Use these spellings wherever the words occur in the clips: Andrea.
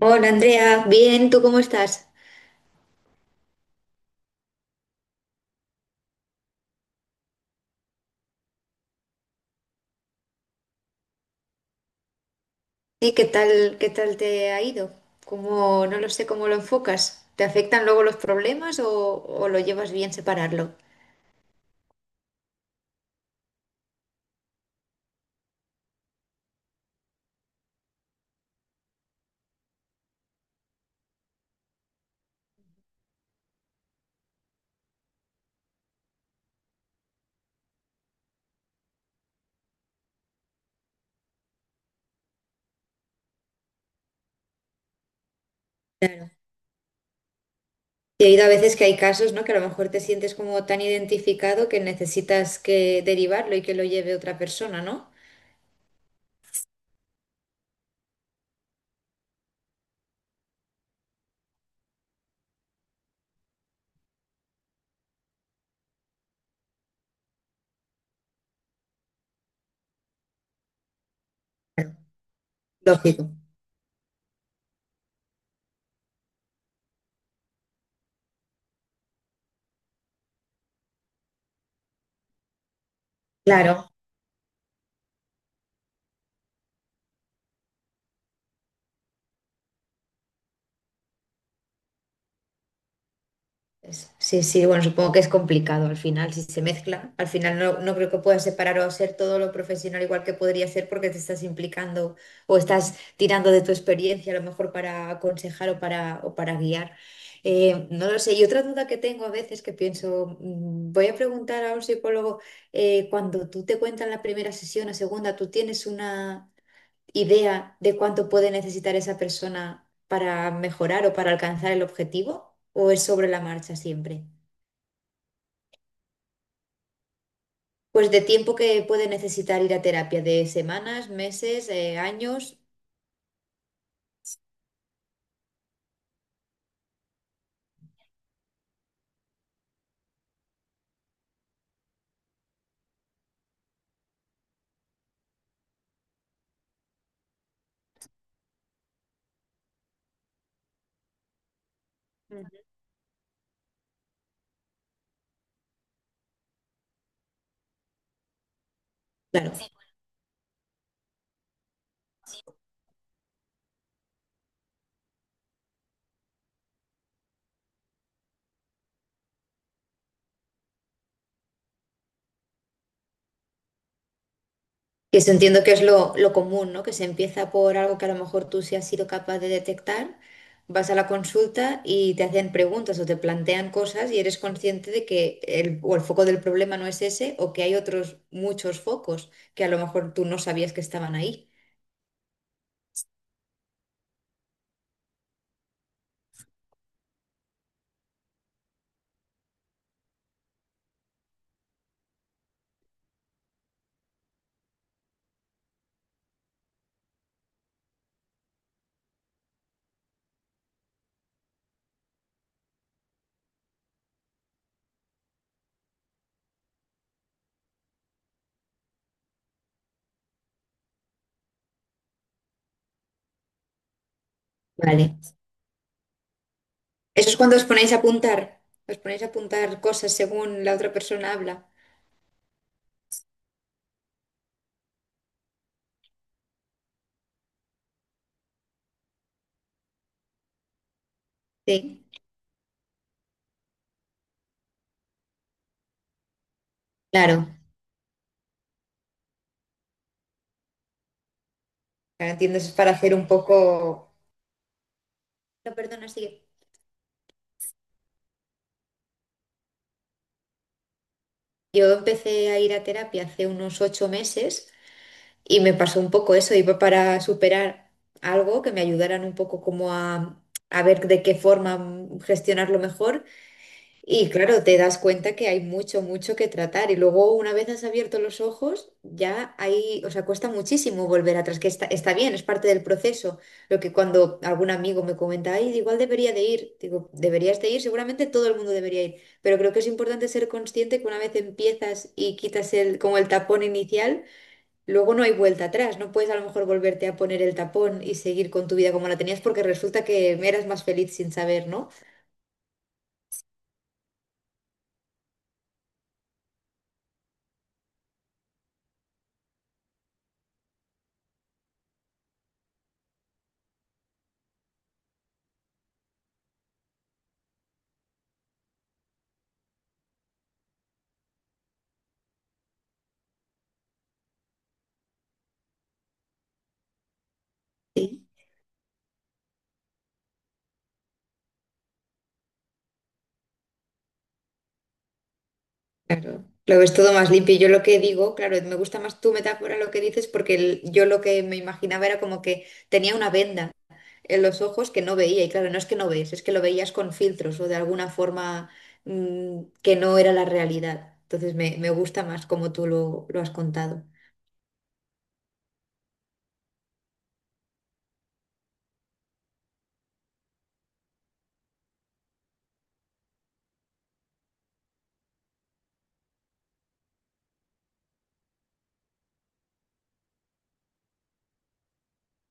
Hola Andrea, bien, ¿tú cómo estás? ¿Y qué tal te ha ido? ¿Cómo, no lo sé cómo lo enfocas? ¿Te afectan luego los problemas o lo llevas bien separarlo? He oído a veces que hay casos, ¿no? Que a lo mejor te sientes como tan identificado que necesitas que derivarlo y que lo lleve otra persona, ¿no? Lógico. Claro. Sí, sí, bueno, supongo que es complicado al final, si se mezcla. Al final no creo que puedas separar o ser todo lo profesional igual que podría ser porque te estás implicando o estás tirando de tu experiencia a lo mejor para aconsejar o para guiar. No lo sé. Y otra duda que tengo a veces que pienso, voy a preguntar a un psicólogo, cuando tú te cuentas la primera sesión o segunda, ¿tú tienes una idea de cuánto puede necesitar esa persona para mejorar o para alcanzar el objetivo? ¿O es sobre la marcha siempre? Pues de tiempo que puede necesitar ir a terapia, de semanas, meses, años. Ujú. Claro, que eso entiendo que es lo común, ¿no? Que se empieza por algo que a lo mejor tú sí has sido capaz de detectar, vas a la consulta y te hacen preguntas o te plantean cosas y eres consciente de que o el foco del problema no es ese, o que hay otros muchos focos que a lo mejor tú no sabías que estaban ahí. Vale. Eso es cuando os ponéis a apuntar. Os ponéis a apuntar cosas según la otra persona habla. Sí, claro. Claro, entiendo, eso es para hacer un poco... No, perdona, sigue. Yo empecé a ir a terapia hace unos 8 meses y me pasó un poco eso. Iba para superar algo que me ayudaran un poco como a ver de qué forma gestionarlo mejor. Y claro, te das cuenta que hay mucho, mucho que tratar. Y luego, una vez has abierto los ojos, ya hay, o sea, cuesta muchísimo volver atrás, que está bien, es parte del proceso. Lo que cuando algún amigo me comenta, ay, igual debería de ir, digo, deberías de ir, seguramente todo el mundo debería ir, pero creo que es importante ser consciente que una vez empiezas y quitas como el tapón inicial, luego no hay vuelta atrás. No puedes a lo mejor volverte a poner el tapón y seguir con tu vida como la tenías porque resulta que eras más feliz sin saber, ¿no? Sí. Claro, lo ves todo más limpio. Yo lo que digo, claro, me gusta más tu metáfora lo que dices porque yo lo que me imaginaba era como que tenía una venda en los ojos que no veía. Y claro, no es que no ves, es que lo veías con filtros o de alguna forma que no era la realidad. Entonces me gusta más como tú lo has contado.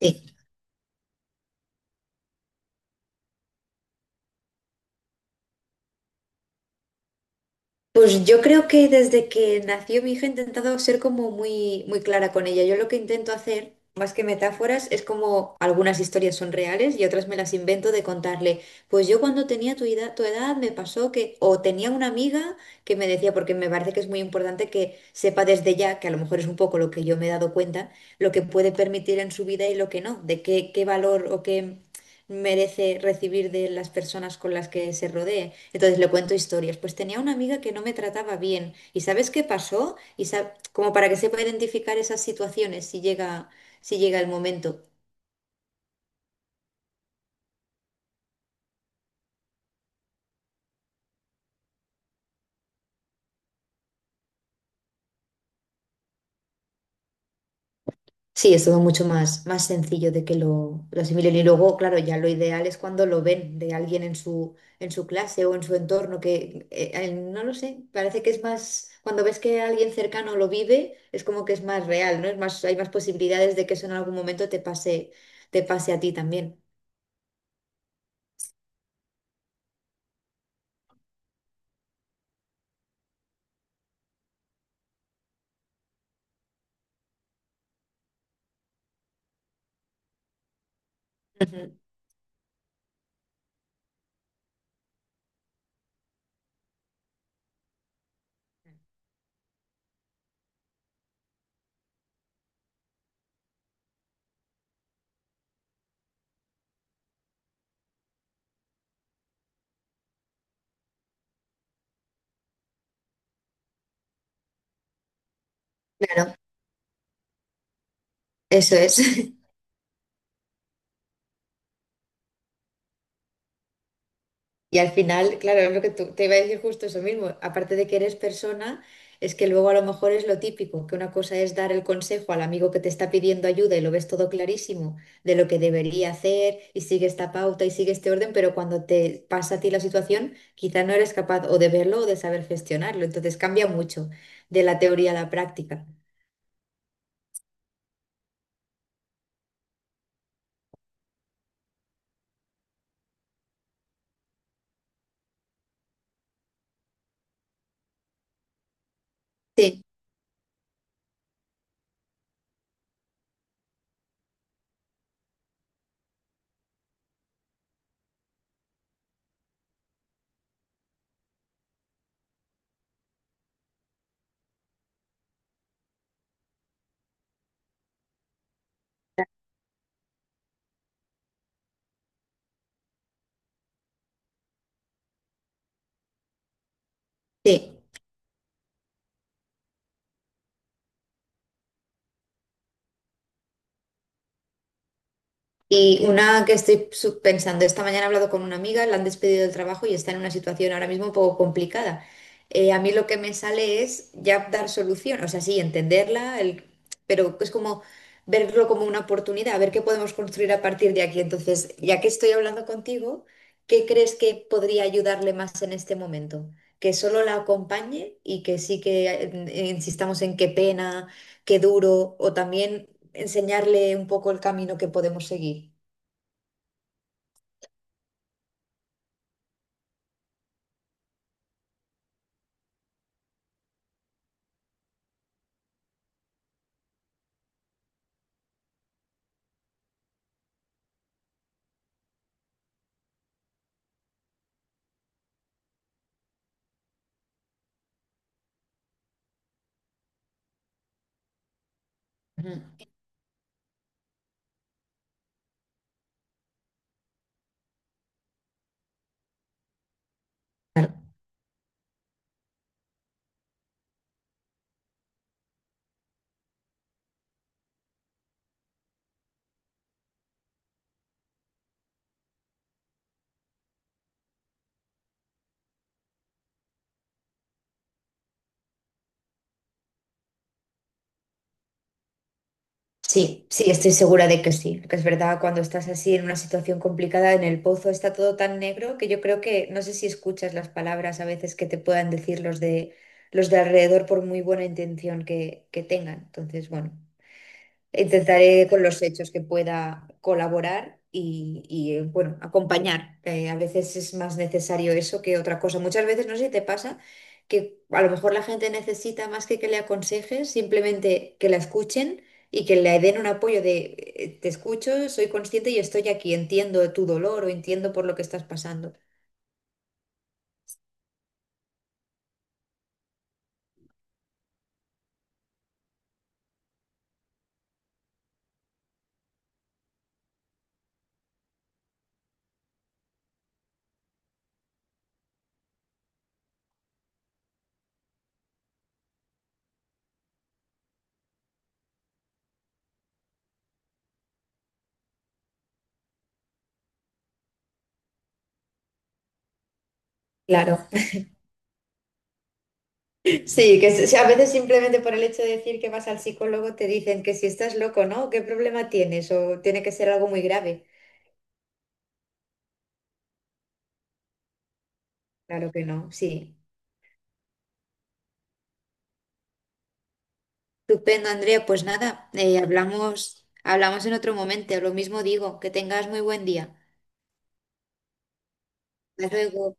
Eh, Pues yo creo que desde que nació mi hija he intentado ser como muy, muy clara con ella. Yo lo que intento hacer, más que metáforas, es como algunas historias son reales y otras me las invento de contarle. Pues yo cuando tenía tu edad me pasó que, o tenía una amiga que me decía, porque me parece que es muy importante que sepa desde ya, que a lo mejor es un poco lo que yo me he dado cuenta, lo que puede permitir en su vida y lo que no, de qué valor o qué merece recibir de las personas con las que se rodee. Entonces le cuento historias. Pues tenía una amiga que no me trataba bien. ¿Y sabes qué pasó? Como para que sepa identificar esas situaciones si llega el momento. Sí, es todo mucho más, más sencillo de que lo asimilen. Y luego, claro, ya lo ideal es cuando lo ven de alguien en en su clase o en su entorno, que no lo sé, parece que es más, cuando ves que alguien cercano lo vive, es como que es más real, ¿no? Es más, hay más posibilidades de que eso en algún momento te pase a ti también. Ujú. Claro, eso es. Y al final, claro, es lo que te iba a decir justo eso mismo. Aparte de que eres persona, es que luego a lo mejor es lo típico, que una cosa es dar el consejo al amigo que te está pidiendo ayuda y lo ves todo clarísimo de lo que debería hacer y sigue esta pauta y sigue este orden, pero cuando te pasa a ti la situación, quizá no eres capaz o de verlo o de saber gestionarlo. Entonces cambia mucho de la teoría a la práctica. Sí, sí. Y una que estoy pensando, esta mañana he hablado con una amiga, la han despedido del trabajo y está en una situación ahora mismo un poco complicada. A mí lo que me sale es ya dar solución, o sea, sí, entenderla, pero es como verlo como una oportunidad, a ver qué podemos construir a partir de aquí. Entonces, ya que estoy hablando contigo, ¿qué crees que podría ayudarle más en este momento? Que solo la acompañe y que sí que insistamos en qué pena, qué duro, o también enseñarle un poco el camino que podemos seguir. Ujú. Claro. Sí, sí, estoy segura de que sí, que es verdad, cuando estás así en una situación complicada, en el pozo está todo tan negro que yo creo que no sé si escuchas las palabras a veces que te puedan decir los de alrededor por muy buena intención que tengan. Entonces, bueno. Intentaré con los hechos que pueda colaborar bueno, acompañar. A veces es más necesario eso que otra cosa. Muchas veces, no sé si te pasa, que a lo mejor la gente necesita más que le aconsejes, simplemente que la escuchen y que le den un apoyo de te escucho, soy consciente y estoy aquí, entiendo tu dolor o entiendo por lo que estás pasando. Claro, sí, que a veces simplemente por el hecho de decir que vas al psicólogo te dicen que si estás loco, ¿no? ¿Qué problema tienes? O tiene que ser algo muy grave. Claro que no, sí. Estupendo, Andrea. Pues nada, hablamos en otro momento. Lo mismo digo, que tengas muy buen día. Hasta luego.